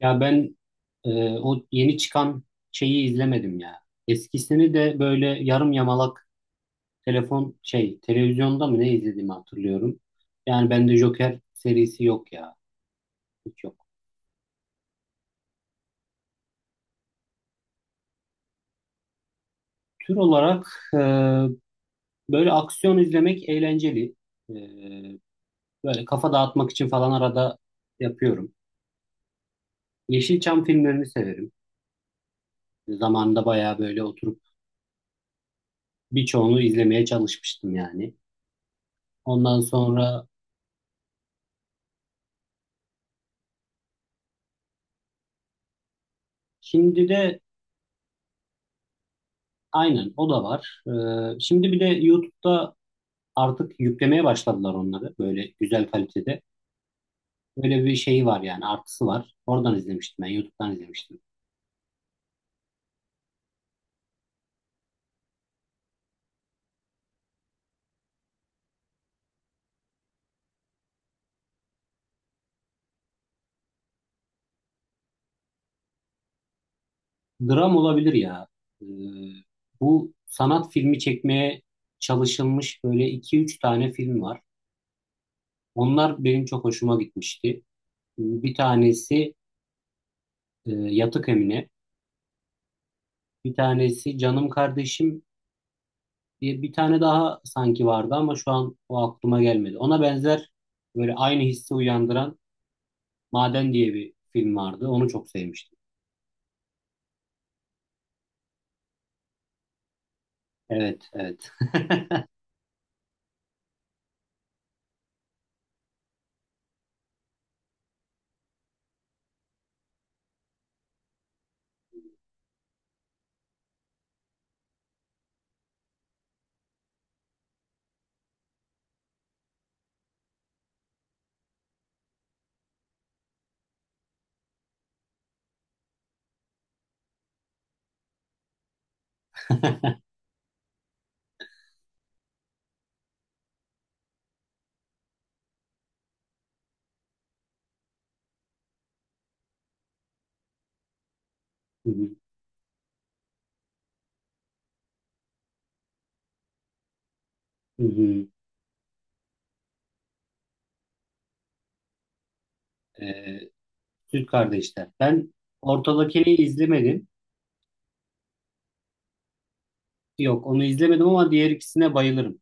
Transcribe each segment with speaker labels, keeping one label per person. Speaker 1: Ya ben o yeni çıkan şeyi izlemedim ya. Eskisini de böyle yarım yamalak telefon şey televizyonda mı ne izlediğimi hatırlıyorum. Yani bende Joker serisi yok ya. Hiç yok. Tür olarak e, böyle aksiyon izlemek eğlenceli. E, böyle kafa dağıtmak için falan arada yapıyorum. Yeşilçam filmlerini severim. Zamanında bayağı böyle oturup birçoğunu izlemeye çalışmıştım yani. Ondan sonra şimdi de aynen o da var. Şimdi bir de YouTube'da artık yüklemeye başladılar onları böyle güzel kalitede. Böyle bir şeyi var yani artısı var. Oradan izlemiştim, ben YouTube'dan izlemiştim. Dram olabilir ya. Ee, bu sanat filmi çekmeye çalışılmış böyle iki üç tane film var. Onlar benim çok hoşuma gitmişti. Bir tanesi Yatık Emine, bir tanesi Canım Kardeşim, bir tane daha sanki vardı ama şu an o aklıma gelmedi. Ona benzer böyle aynı hissi uyandıran Maden diye bir film vardı. Onu çok sevmiştim. Evet, evet. Hı hı, hı hı. Ee, Süt Kardeşler. Ben ortadakini izlemedim. Yok, onu izlemedim ama diğer ikisine bayılırım.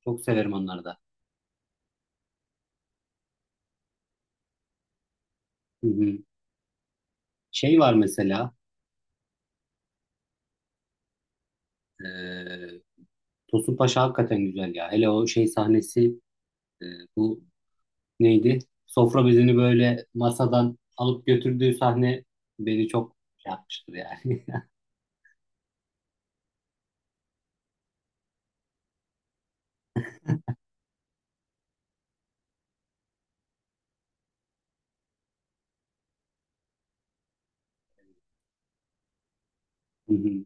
Speaker 1: Çok severim onları da. Hı hı. Şey var mesela. E, Tosun Paşa hakikaten güzel ya. Hele o şey sahnesi. e, bu neydi? Sofra bezini böyle masadan alıp götürdüğü sahne beni çok şey yapmıştır yani. Hı hı.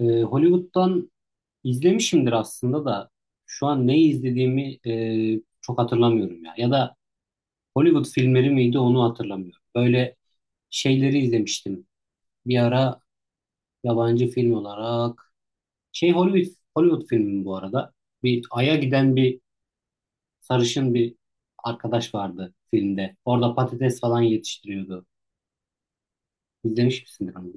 Speaker 1: Hollywood'dan izlemişimdir aslında da şu an neyi izlediğimi çok hatırlamıyorum ya. Ya da Hollywood filmleri miydi onu hatırlamıyorum. Böyle şeyleri izlemiştim. Bir ara yabancı film olarak şey Hollywood filmi bu arada. Bir aya giden bir sarışın bir arkadaş vardı filmde. Orada patates falan yetiştiriyordu. İzlemiş misindir onu?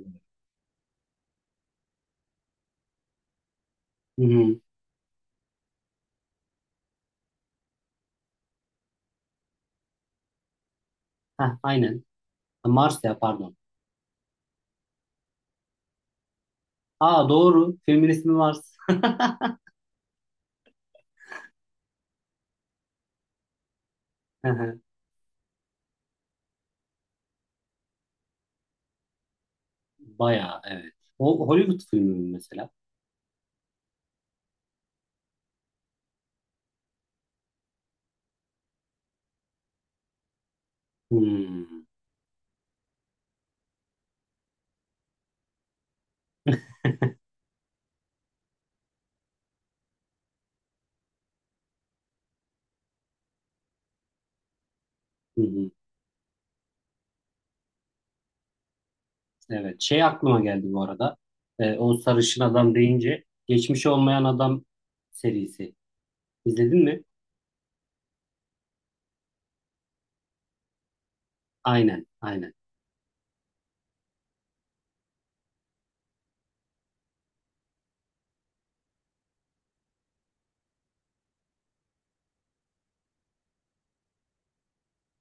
Speaker 1: Hı hı. Heh, aynen. Mars ya, pardon. Aa, doğru. Filmin ismi Mars. Hı hı. Bayağı, evet. O Hollywood filmi mi mesela? Hmm. Hı hı. Evet. Şey aklıma geldi bu arada. O sarışın adam deyince Geçmiş Olmayan Adam serisi. İzledin mi? Aynen. Aynen.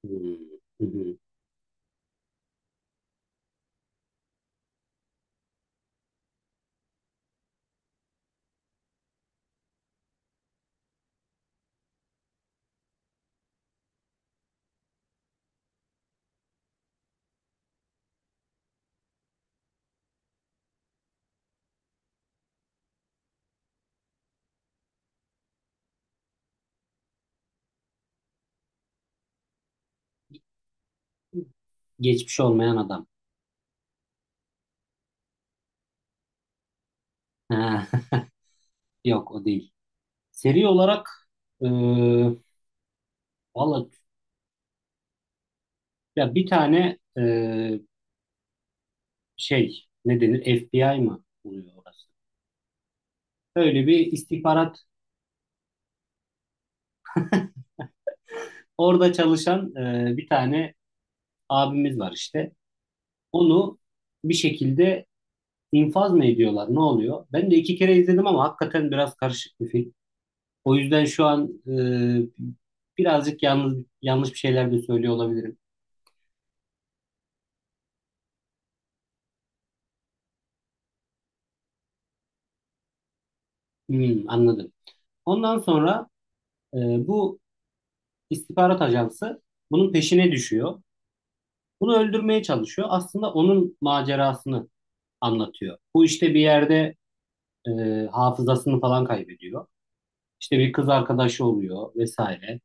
Speaker 1: Hmm. Hı hı. Geçmiş Olmayan Adam. Ha. Yok, o değil. Seri olarak e, valla ya bir tane şey ne denir, FBI mı oluyor orası? Böyle bir istihbarat, orada çalışan bir tane abimiz var işte. Onu bir şekilde infaz mı ediyorlar, ne oluyor? Ben de iki kere izledim ama hakikaten biraz karışık bir film. O yüzden şu an birazcık yanlış bir şeyler de söylüyor olabilirim. Hmm, anladım. Ondan sonra e, bu istihbarat ajansı bunun peşine düşüyor. Bunu öldürmeye çalışıyor. Aslında onun macerasını anlatıyor. Bu işte bir yerde e, hafızasını falan kaybediyor. İşte bir kız arkadaşı oluyor vesaire.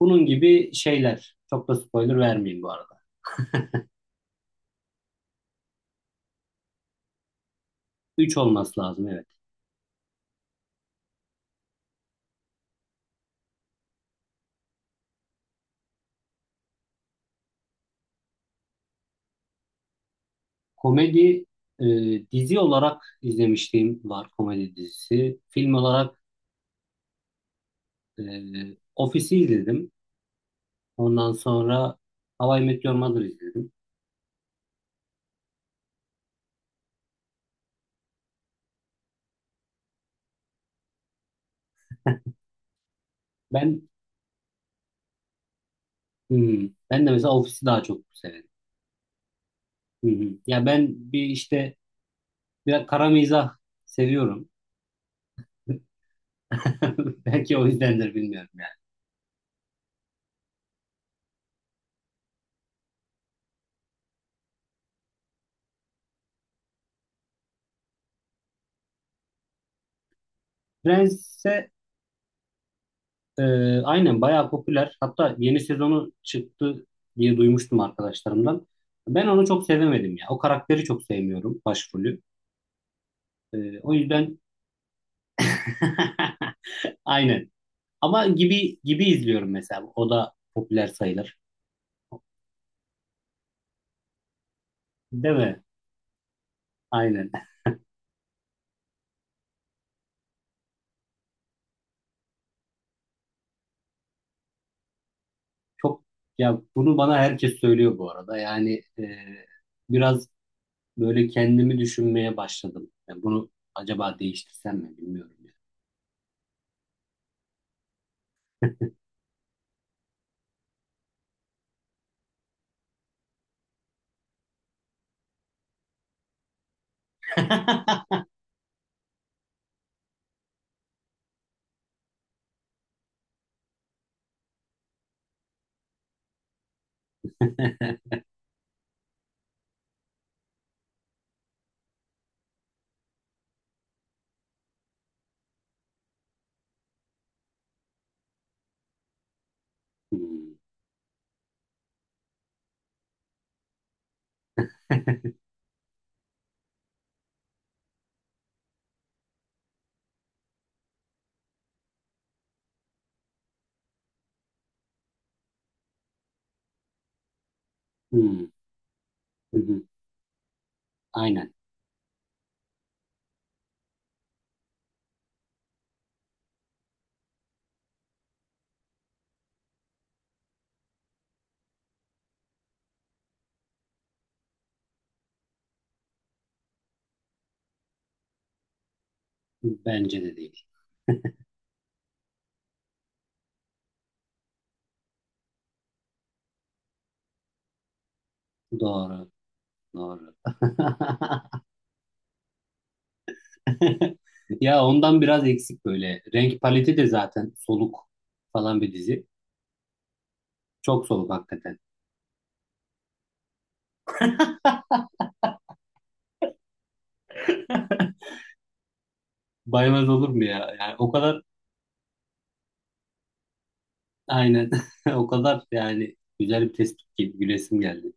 Speaker 1: Bunun gibi şeyler. Çok da spoiler vermeyeyim bu arada. 3 olması lazım, evet. Komedi e, dizi olarak izlemişliğim var, komedi dizisi. Film olarak e, Office'i izledim. Ondan sonra How I Met Your Mother izledim. Ben ben de mesela Office'i daha çok severim. Hı hı. Ya ben bir işte biraz kara mizah seviyorum. Belki o yüzdendir, bilmiyorum yani. Prens'e e, aynen, bayağı popüler. Hatta yeni sezonu çıktı diye duymuştum arkadaşlarımdan. Ben onu çok sevemedim ya. O karakteri çok sevmiyorum, başrolü. O yüzden aynen. Ama gibi gibi izliyorum mesela. O da popüler sayılır. Değil mi? Aynen. Çok, ya bunu bana herkes söylüyor bu arada. Yani biraz böyle kendimi düşünmeye başladım. Yani bunu acaba değiştirsem mi, bilmiyorum. Hmm. Hmm. Aynen. Bence de değil. Doğru. Doğru. Ya ondan biraz eksik böyle. Renk paleti de zaten soluk falan bir dizi. Çok soluk hakikaten. Baymaz olur mu ya? Yani o kadar, aynen. O kadar yani güzel bir tespit, gibi gülesim geldi.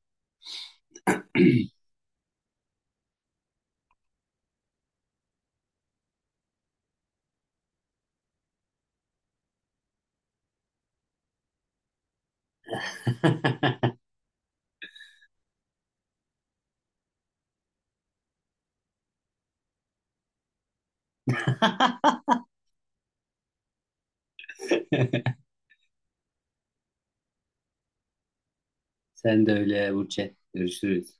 Speaker 1: Sen de öyle Burçe. Görüşürüz.